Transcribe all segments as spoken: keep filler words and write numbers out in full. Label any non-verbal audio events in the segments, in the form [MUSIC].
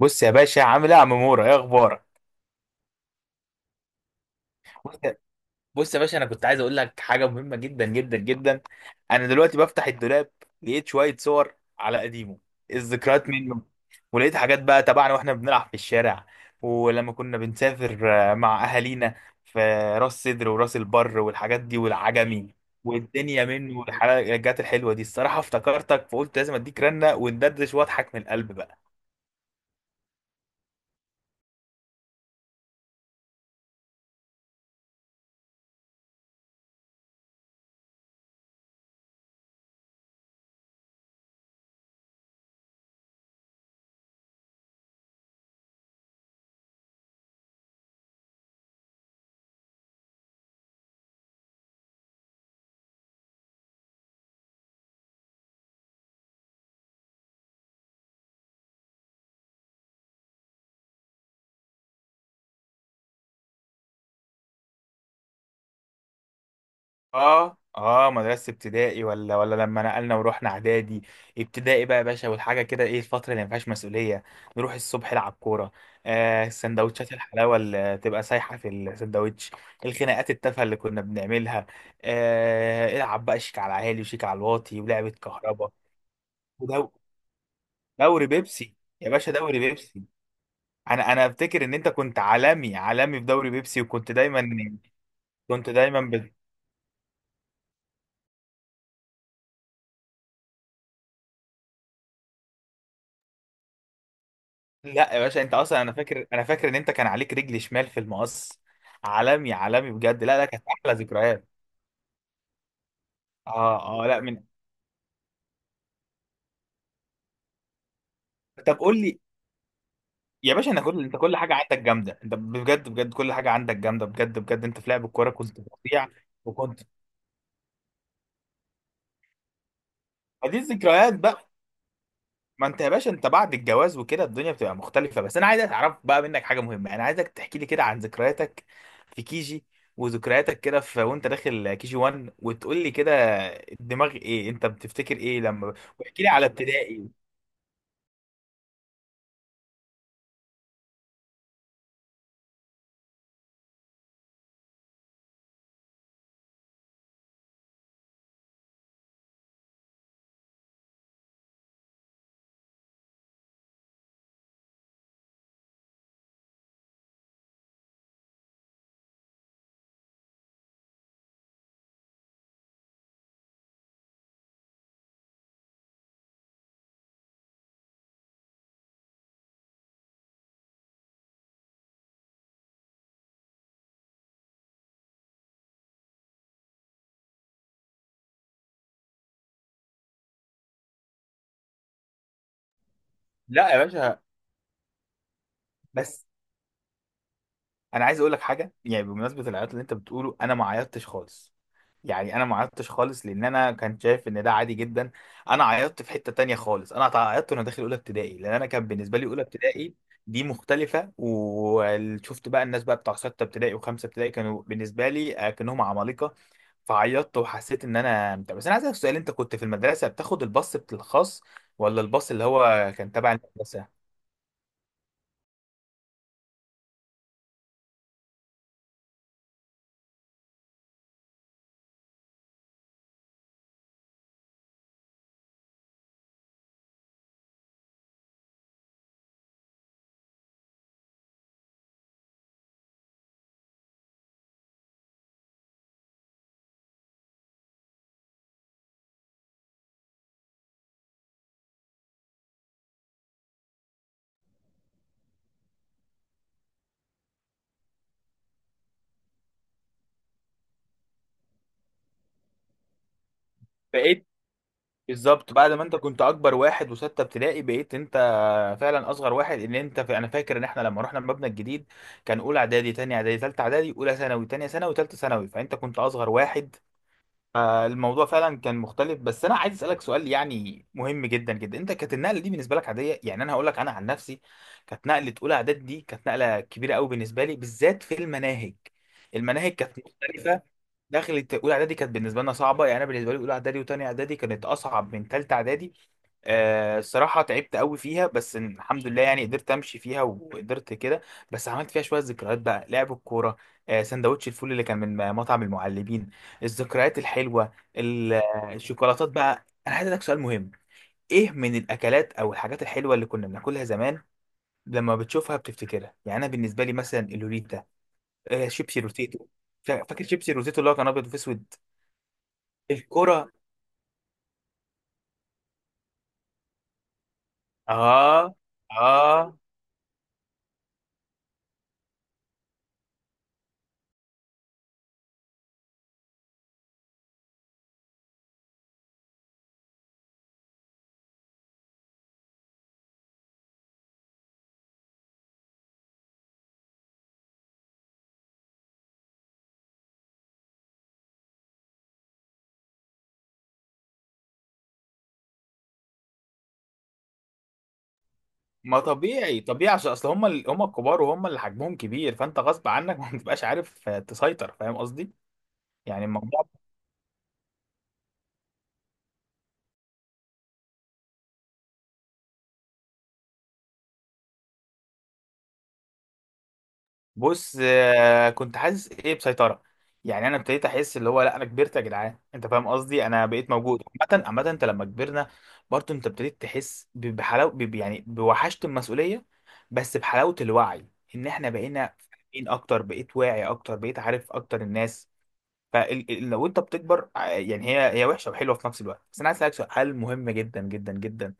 بص يا باشا، عامل ايه يا عم مورا؟ ايه اخبارك؟ بص يا بص يا باشا، انا كنت عايز اقول لك حاجه مهمه جدا جدا جدا انا دلوقتي بفتح الدولاب، لقيت شويه صور على قديمه، الذكريات منه. ولقيت حاجات بقى تبعنا واحنا بنلعب في الشارع، ولما كنا بنسافر آه، مع اهالينا في راس سدر وراس البر والحاجات دي والعجمي، والدنيا منه والحاجات الحلوه دي. الصراحه افتكرتك فقلت لازم اديك رنه وندردش واضحك من القلب بقى. اه اه، مدرسة ابتدائي، ولا ولا لما نقلنا ورحنا اعدادي. ابتدائي بقى يا باشا، والحاجة كده، ايه الفترة اللي ما فيهاش مسؤولية؟ نروح الصبح نلعب كورة. آه، السندوتشات الحلاوة اللي تبقى سايحة في السندوتش، الخناقات التافهة اللي كنا بنعملها. آه، العب بقى شيك على عالي وشيك على الواطي ولعبة كهربا. ودوري دوري بيبسي، يا باشا دوري بيبسي. انا انا افتكر ان انت كنت عالمي عالمي في دوري بيبسي، وكنت دايما كنت دايما لا يا باشا، انت اصلا، انا فاكر انا فاكر ان انت كان عليك رجل شمال في المقص. عالمي عالمي بجد، لا لا، كانت احلى ذكريات. اه اه، لا من. طب قول لي يا باشا، انا كل، انت كل حاجه عندك جامده، انت بجد بجد كل حاجه عندك جامده، بجد بجد انت في لعب الكوره كنت فظيع. وكنت، ما دي الذكريات بقى. ما انت يا باشا انت بعد الجواز وكده الدنيا بتبقى مختلفة. بس انا عايز اعرف بقى منك حاجة مهمة، انا عايزك تحكي لي كده عن ذكرياتك في كيجي، وذكرياتك كده في وانت داخل كيجي واحد، وتقول لي كده الدماغ ايه انت بتفتكر ايه لما. واحكي لي على ابتدائي. لا يا باشا، بس انا عايز اقول لك حاجة يعني بمناسبة العياط اللي انت بتقوله، انا ما عيطتش خالص. يعني انا ما عيطتش خالص لان انا كان شايف ان ده عادي جدا. انا عيطت في حتة تانية خالص، انا عيطت وانا داخل اولى ابتدائي، لان انا كان بالنسبة لي اولى ابتدائي دي مختلفة. وشفت بقى الناس بقى بتاع ستة ابتدائي وخمسة ابتدائي، كانوا بالنسبة لي آه، كأنهم عمالقة. فعيطت وحسيت ان انا بتاع. بس انا عايز اسالك سؤال، انت كنت في المدرسة بتاخد الباص، بت- الخاص ولا الباص اللي هو كان تبع المدرسة؟ بقيت، بالظبط بعد ما انت كنت اكبر واحد وستة ابتدائي، بقيت انت فعلا اصغر واحد، ان انت في، انا فاكر ان احنا لما رحنا المبنى الجديد، كان اولى اعدادي تانية اعدادي تالتة اعدادي اولى ثانوي تانية ثانوي تالتة ثانوي، فانت كنت اصغر واحد. فالموضوع فعلا كان مختلف. بس انا عايز اسالك سؤال يعني مهم جدا جدا، انت كانت النقله دي بالنسبه لك عاديه؟ يعني انا هقول لك انا عن نفسي، كانت نقله اولى اعدادي دي كانت نقله كبيره قوي بالنسبه لي، بالذات في المناهج، المناهج كانت مختلفه. دخلت اولى اعدادي كانت بالنسبه لنا صعبه. يعني انا بالنسبه لي اولى اعدادي وتانية اعدادي كانت اصعب من تالتة اعدادي. آه، الصراحه تعبت قوي فيها، بس الحمد لله يعني قدرت امشي فيها وقدرت كده. بس عملت فيها شويه ذكريات بقى، لعب الكوره، آه سندوتش الفول اللي كان من مطعم المعلمين، الذكريات الحلوه ال- آه، الشوكولاتات بقى. انا عايز اسالك سؤال مهم، ايه من الاكلات او الحاجات الحلوه اللي كنا بناكلها زمان لما بتشوفها بتفتكرها؟ يعني انا بالنسبه لي مثلا اللوريتا، آه شيبسي روتيتو. فاكر شيبسي روتيتو اللي هو كان ابيض واسود؟ الكرة. اه اه. ما طبيعي طبيعي، عشان اصل هم ال... هم الكبار وهم اللي حجمهم كبير، فانت غصب عنك [LAUGHS] ما بتبقاش عارف آه، تسيطر، فاهم قصدي. يعني الموضوع، بص، آه، كنت حاسس ايه بسيطرة. يعني انا ابتديت احس اللي هو لا، انا كبرت يا جدعان، انت فاهم قصدي؟ انا بقيت موجود. عامة عامة، انت لما كبرنا برضه انت ابتديت تحس ب- بحلاوة، ب- يعني بوحشة المسؤولية، بس بحلاوة الوعي، ان احنا بقينا فاهمين اكتر، بقيت واعي اكتر، بقيت عارف اكتر الناس. فلو انت بتكبر، ع- يعني هي هي وحشه وحلوه في نفس الوقت. بس انا عايز اسالك سؤال مهم جدا جدا جدا،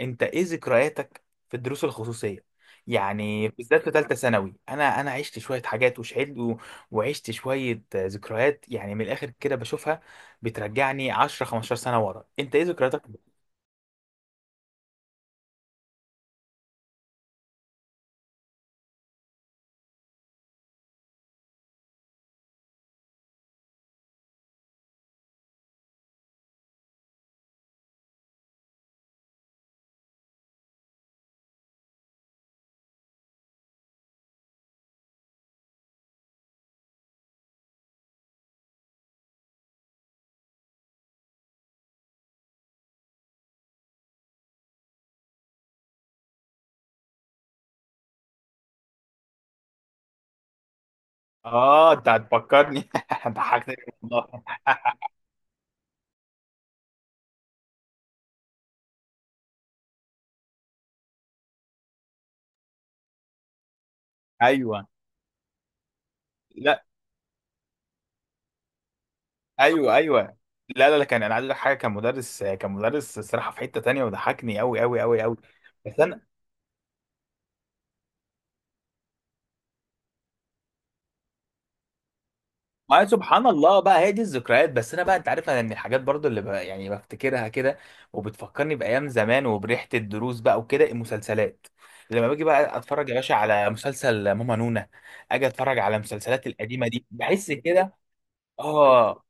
انت ايه ذكرياتك في الدروس الخصوصيه؟ يعني بالذات في ثالثه ثانوي، انا انا عشت شويه حاجات وشهدت و- وعشت شويه، آه، ذكريات، يعني من الاخر كده بشوفها بترجعني عشر خمستاشر سنه ورا. انت ايه ذكرياتك؟ اه، انت هتفكرني [LAUGHS] ضحكتني. والله [LAUGHS] ايوه، لا، ايوه ايوه. لا لا لا، كان، انا عايز اقول لك حاجه، كان مدرس، كان مدرس الصراحه في حته تانية وضحكني قوي قوي قوي قوي. بس انا. ما سبحان الله بقى هي دي الذكريات. بس انا بقى انت عارف انا من الحاجات برضو اللي ب... يعني بفتكرها كده وبتفكرني بايام زمان وبريحه الدروس بقى وكده، المسلسلات، لما باجي بقى اتفرج يا باشا على مسلسل ماما نونا، اجي اتفرج على المسلسلات القديمه دي بحس كده. اه.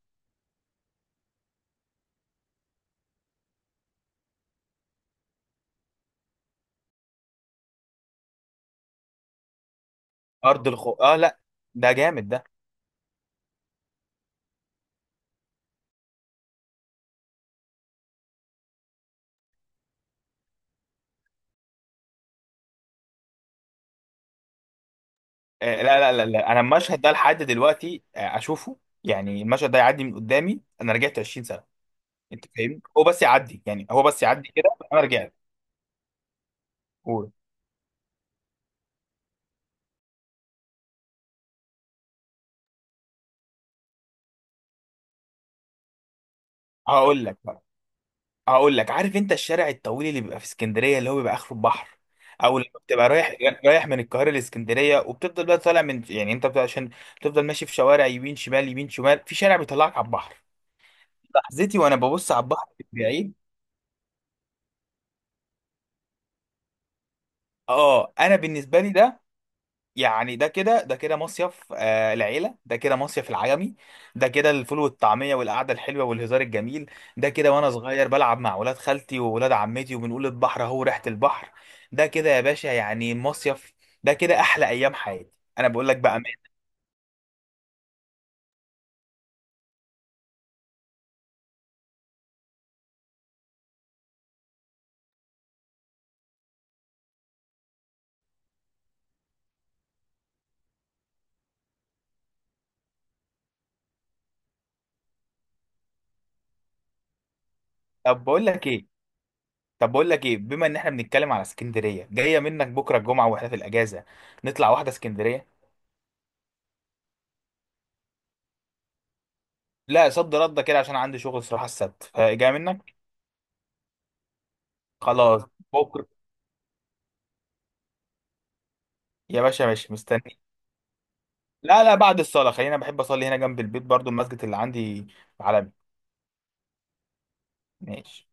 ارض الخو، اه لا، ده جامد ده. آه، لا لا لا لا انا المشهد ده لحد دلوقتي آه، اشوفه. يعني المشهد ده يعدي من قدامي، انا رجعت عشرين سنه. انت فاهمني؟ هو بس يعدي، يعني هو بس يعدي كده. انا رجعت. قول. هقول لك بقى، هقول لك، عارف انت الشارع الطويل اللي بيبقى في اسكندريه اللي هو بيبقى اخره البحر، او لما بتبقى رايح، رايح من القاهره لاسكندريه، وبتفضل بقى طالع من، يعني انت بتبقى عشان بتفضل ماشي في شوارع يمين شمال يمين شمال، في شارع بيطلعك على البحر؟ لحظتي وانا ببص على البحر من بعيد. اه، انا بالنسبه لي ده، يعني ده كده، ده كده مصيف، آه العيلة، ده كده مصيف العجمي، ده كده الفول والطعمية والقعدة الحلوة والهزار الجميل. ده كده وأنا صغير بلعب مع ولاد خالتي وولاد عمتي، وبنقول البحر أهو، ريحة البحر. ده كده يا باشا يعني مصيف، ده كده أحلى أيام حياتي. أنا بقول لك بقى. طب بقول لك إيه، طب بقول لك إيه، بما إن إحنا بنتكلم على اسكندرية، جاية منك بكرة الجمعة وإحنا في الأجازة، نطلع واحدة اسكندرية. لا، صد رد كده، عشان عندي شغل صراحة السبت، فجاية منك. خلاص، بكرة يا باشا، ماشي، مستني. لا لا، بعد الصلاة، خلينا، بحب أصلي هنا جنب البيت برضو المسجد اللي عندي. عالمي. ماشي.